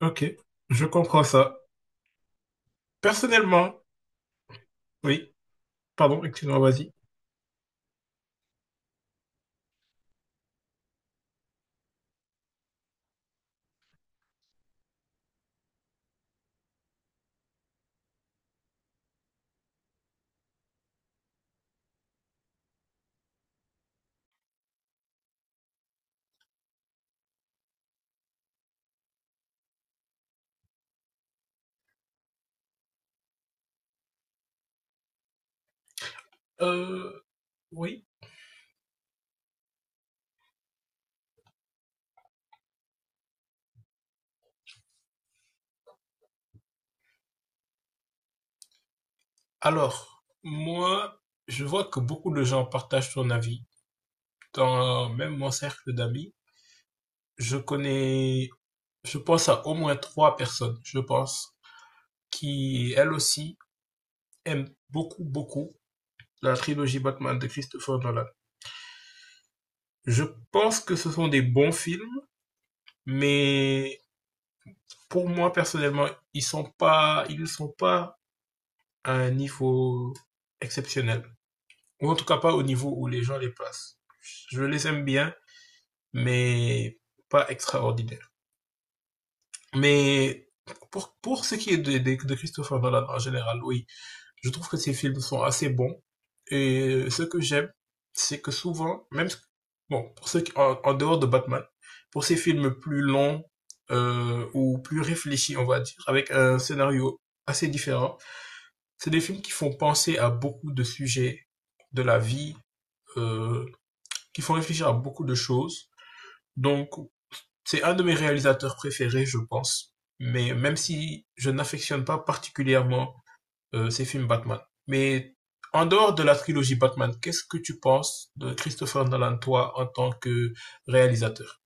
Ok, je comprends ça. Personnellement, oui, pardon, excuse-moi, vas-y. Euh, oui, alors, moi, je vois que beaucoup de gens partagent ton avis. Dans même mon cercle d'amis, je connais, je pense à au moins 3 personnes, je pense, qui, elles aussi, aiment beaucoup, beaucoup la trilogie Batman de Christopher Nolan. Je pense que ce sont des bons films, mais pour moi, personnellement, ils sont pas, ils ne sont pas à un niveau exceptionnel. Ou en tout cas pas au niveau où les gens les placent. Je les aime bien, mais pas extraordinaire. Mais pour ce qui est de Christopher Nolan en général, oui, je trouve que ses films sont assez bons. Et ce que j'aime, c'est que souvent, même bon, pour ceux qui, dehors de Batman, pour ces films plus longs ou plus réfléchis, on va dire, avec un scénario assez différent, c'est des films qui font penser à beaucoup de sujets de la vie, euh, qui font réfléchir à beaucoup de choses. Donc, c'est un de mes réalisateurs préférés, je pense. Mais même si je n'affectionne pas particulièrement ses films Batman. Mais en dehors de la trilogie Batman, qu'est-ce que tu penses de Christopher Nolan, toi, en tant que réalisateur?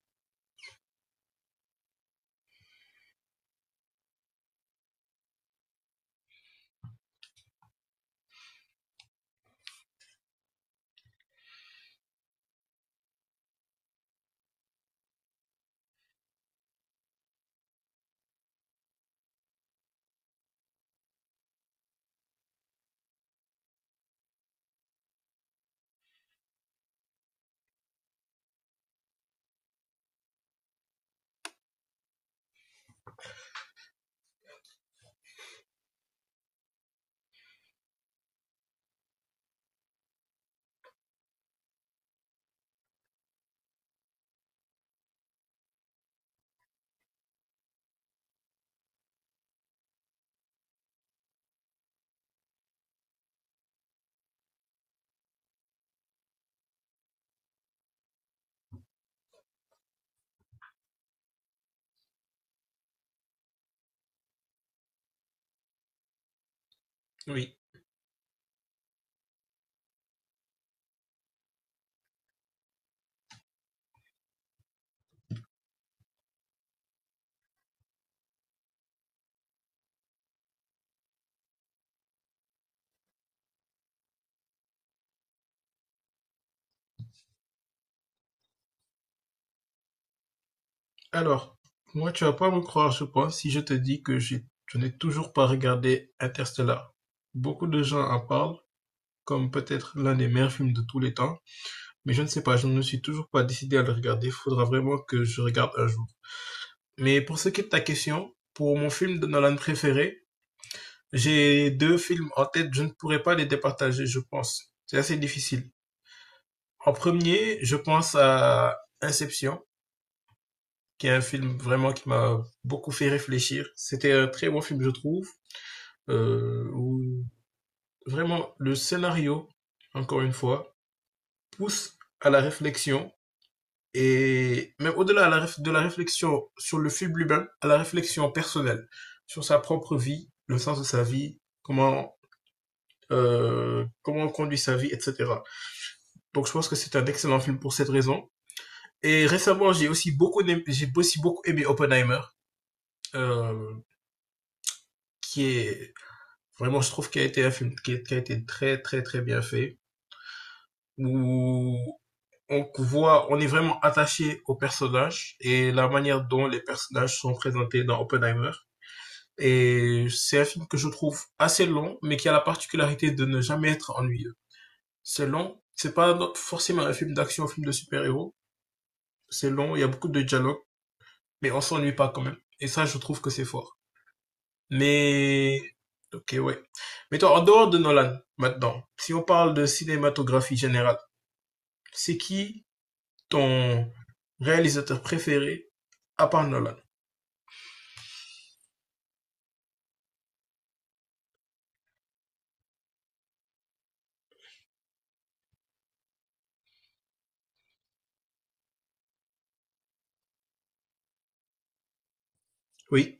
Oui. Alors, moi, tu vas pas me croire, je pense, si je te dis que je n'ai toujours pas regardé Interstellar. Beaucoup de gens en parlent, comme peut-être l'un des meilleurs films de tous les temps. Mais je ne sais pas, je ne me suis toujours pas décidé à le regarder. Il faudra vraiment que je regarde un jour. Mais pour ce qui est de ta question, pour mon film de Nolan préféré, j'ai deux films en tête. Je ne pourrais pas les départager, je pense. C'est assez difficile. En premier, je pense à Inception, qui est un film vraiment qui m'a beaucoup fait réfléchir. C'était un très bon film, je trouve. Où vraiment le scénario, encore une fois, pousse à la réflexion et même au-delà à la de la réflexion sur le film lui-même, à la réflexion personnelle sur sa propre vie, le sens de sa vie, comment comment on conduit sa vie, etc. Donc je pense que c'est un excellent film pour cette raison. Et récemment, j'ai aussi beaucoup aimé Oppenheimer, euh, qui est vraiment, je trouve, qui a été un film qui a été très très très bien fait, où on voit, on est vraiment attaché aux personnages et la manière dont les personnages sont présentés dans Oppenheimer. Et c'est un film que je trouve assez long, mais qui a la particularité de ne jamais être ennuyeux. C'est long, c'est pas no- forcément un film d'action, un film de super-héros. C'est long, il y a beaucoup de dialogues, mais on s'ennuie pas quand même. Et ça, je trouve que c'est fort. Mais, ok, ouais. Mais toi, en dehors de Nolan, maintenant, si on parle de cinématographie générale, c'est qui ton réalisateur préféré à part Nolan? Oui,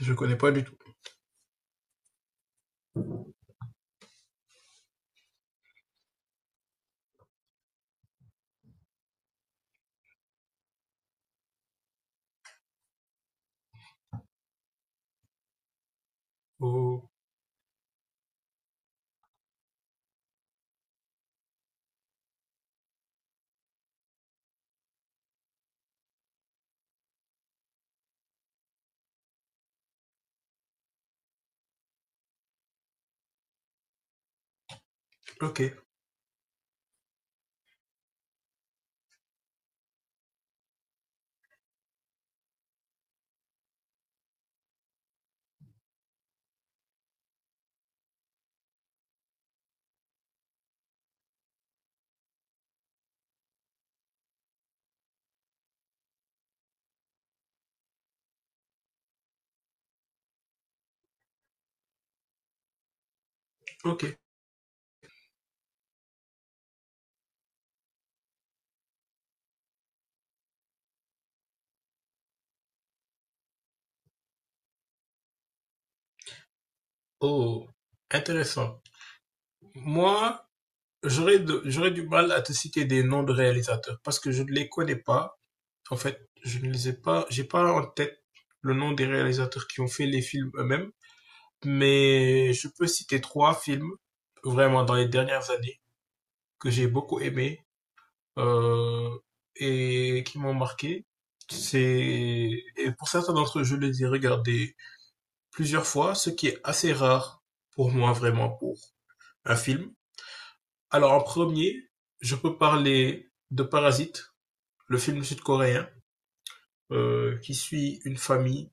je connais pas du tout. Oh, ok, ok. Oh, intéressant. Moi, j'aurais du mal à te citer des noms de réalisateurs parce que je ne les connais pas. En fait, je ne les ai pas j'ai pas en tête le nom des réalisateurs qui ont fait les films eux-mêmes, mais je peux citer 3 films vraiment dans les dernières années que j'ai beaucoup aimés, euh, et qui m'ont marqué. C'est et pour certains d'entre eux, je les ai regardés plusieurs fois, ce qui est assez rare pour moi vraiment pour un film. Alors en premier, je peux parler de Parasite, le film sud-coréen qui suit une famille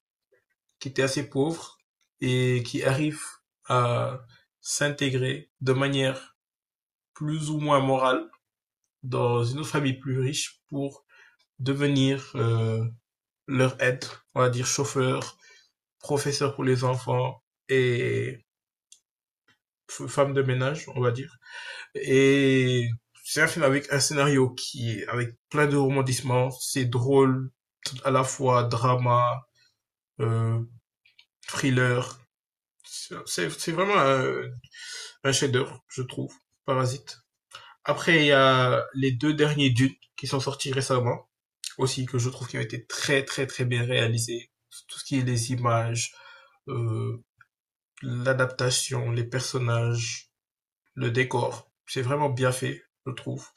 qui était assez pauvre et qui arrive à s'intégrer de manière plus ou moins morale dans une autre famille plus riche pour devenir leur aide, on va dire chauffeur, professeur pour les enfants et femme de ménage, on va dire. Et c'est un film avec un scénario qui est avec plein de rebondissements, c'est drôle, à la fois drama, euh, thriller. C'est vraiment un chef-d'œuvre, je trouve. Parasite. Après, il y a les deux derniers Dune qui sont sortis récemment aussi que je trouve qui ont été très très très bien réalisés. Tout ce qui est les images, euh, l'adaptation, les personnages, le décor, c'est vraiment bien fait, je trouve.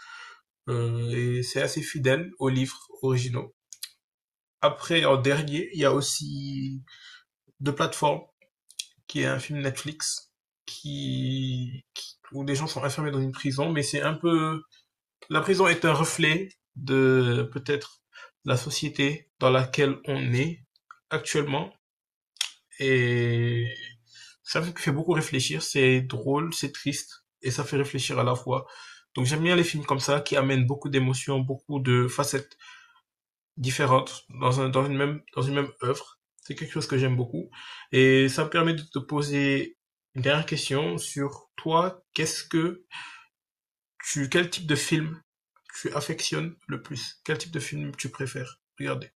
Et c'est assez fidèle aux livres originaux. Après, en dernier, il y a aussi deux plateformes qui est un film Netflix où des gens sont enfermés dans une prison, mais c'est un peu la prison est un reflet de peut-être la société dans laquelle on est actuellement et ça me fait beaucoup réfléchir. C'est drôle, c'est triste et ça fait réfléchir à la fois. Donc j'aime bien les films comme ça qui amènent beaucoup d'émotions, beaucoup de facettes différentes dans une même œuvre. C'est quelque chose que j'aime beaucoup. Et ça me permet de te poser une dernière question sur toi. Qu'est-ce que quel type de film tu affectionnes le plus? Quel type de film tu préfères regarder?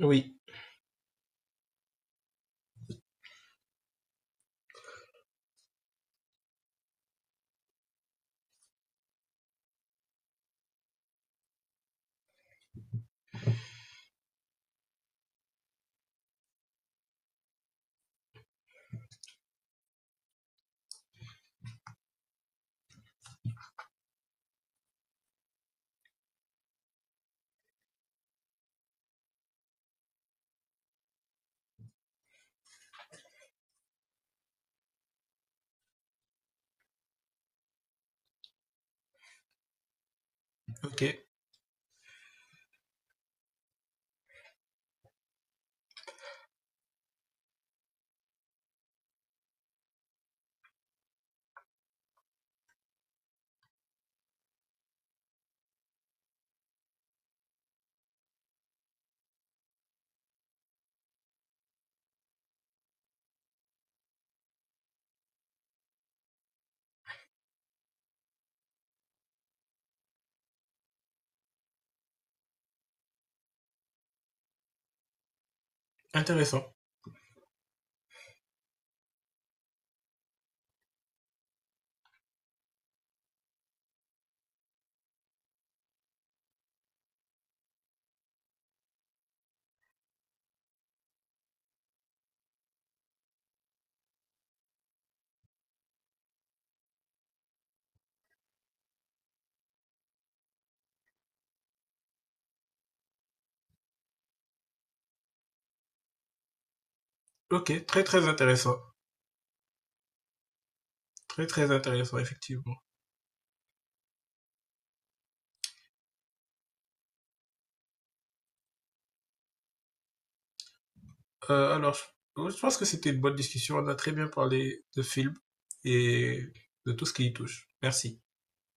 Oui. Ok, intéressant. Ok, très très intéressant. Très très intéressant, effectivement. Alors, je pense que c'était une bonne discussion. On a très bien parlé de films et de tout ce qui y touche. Merci.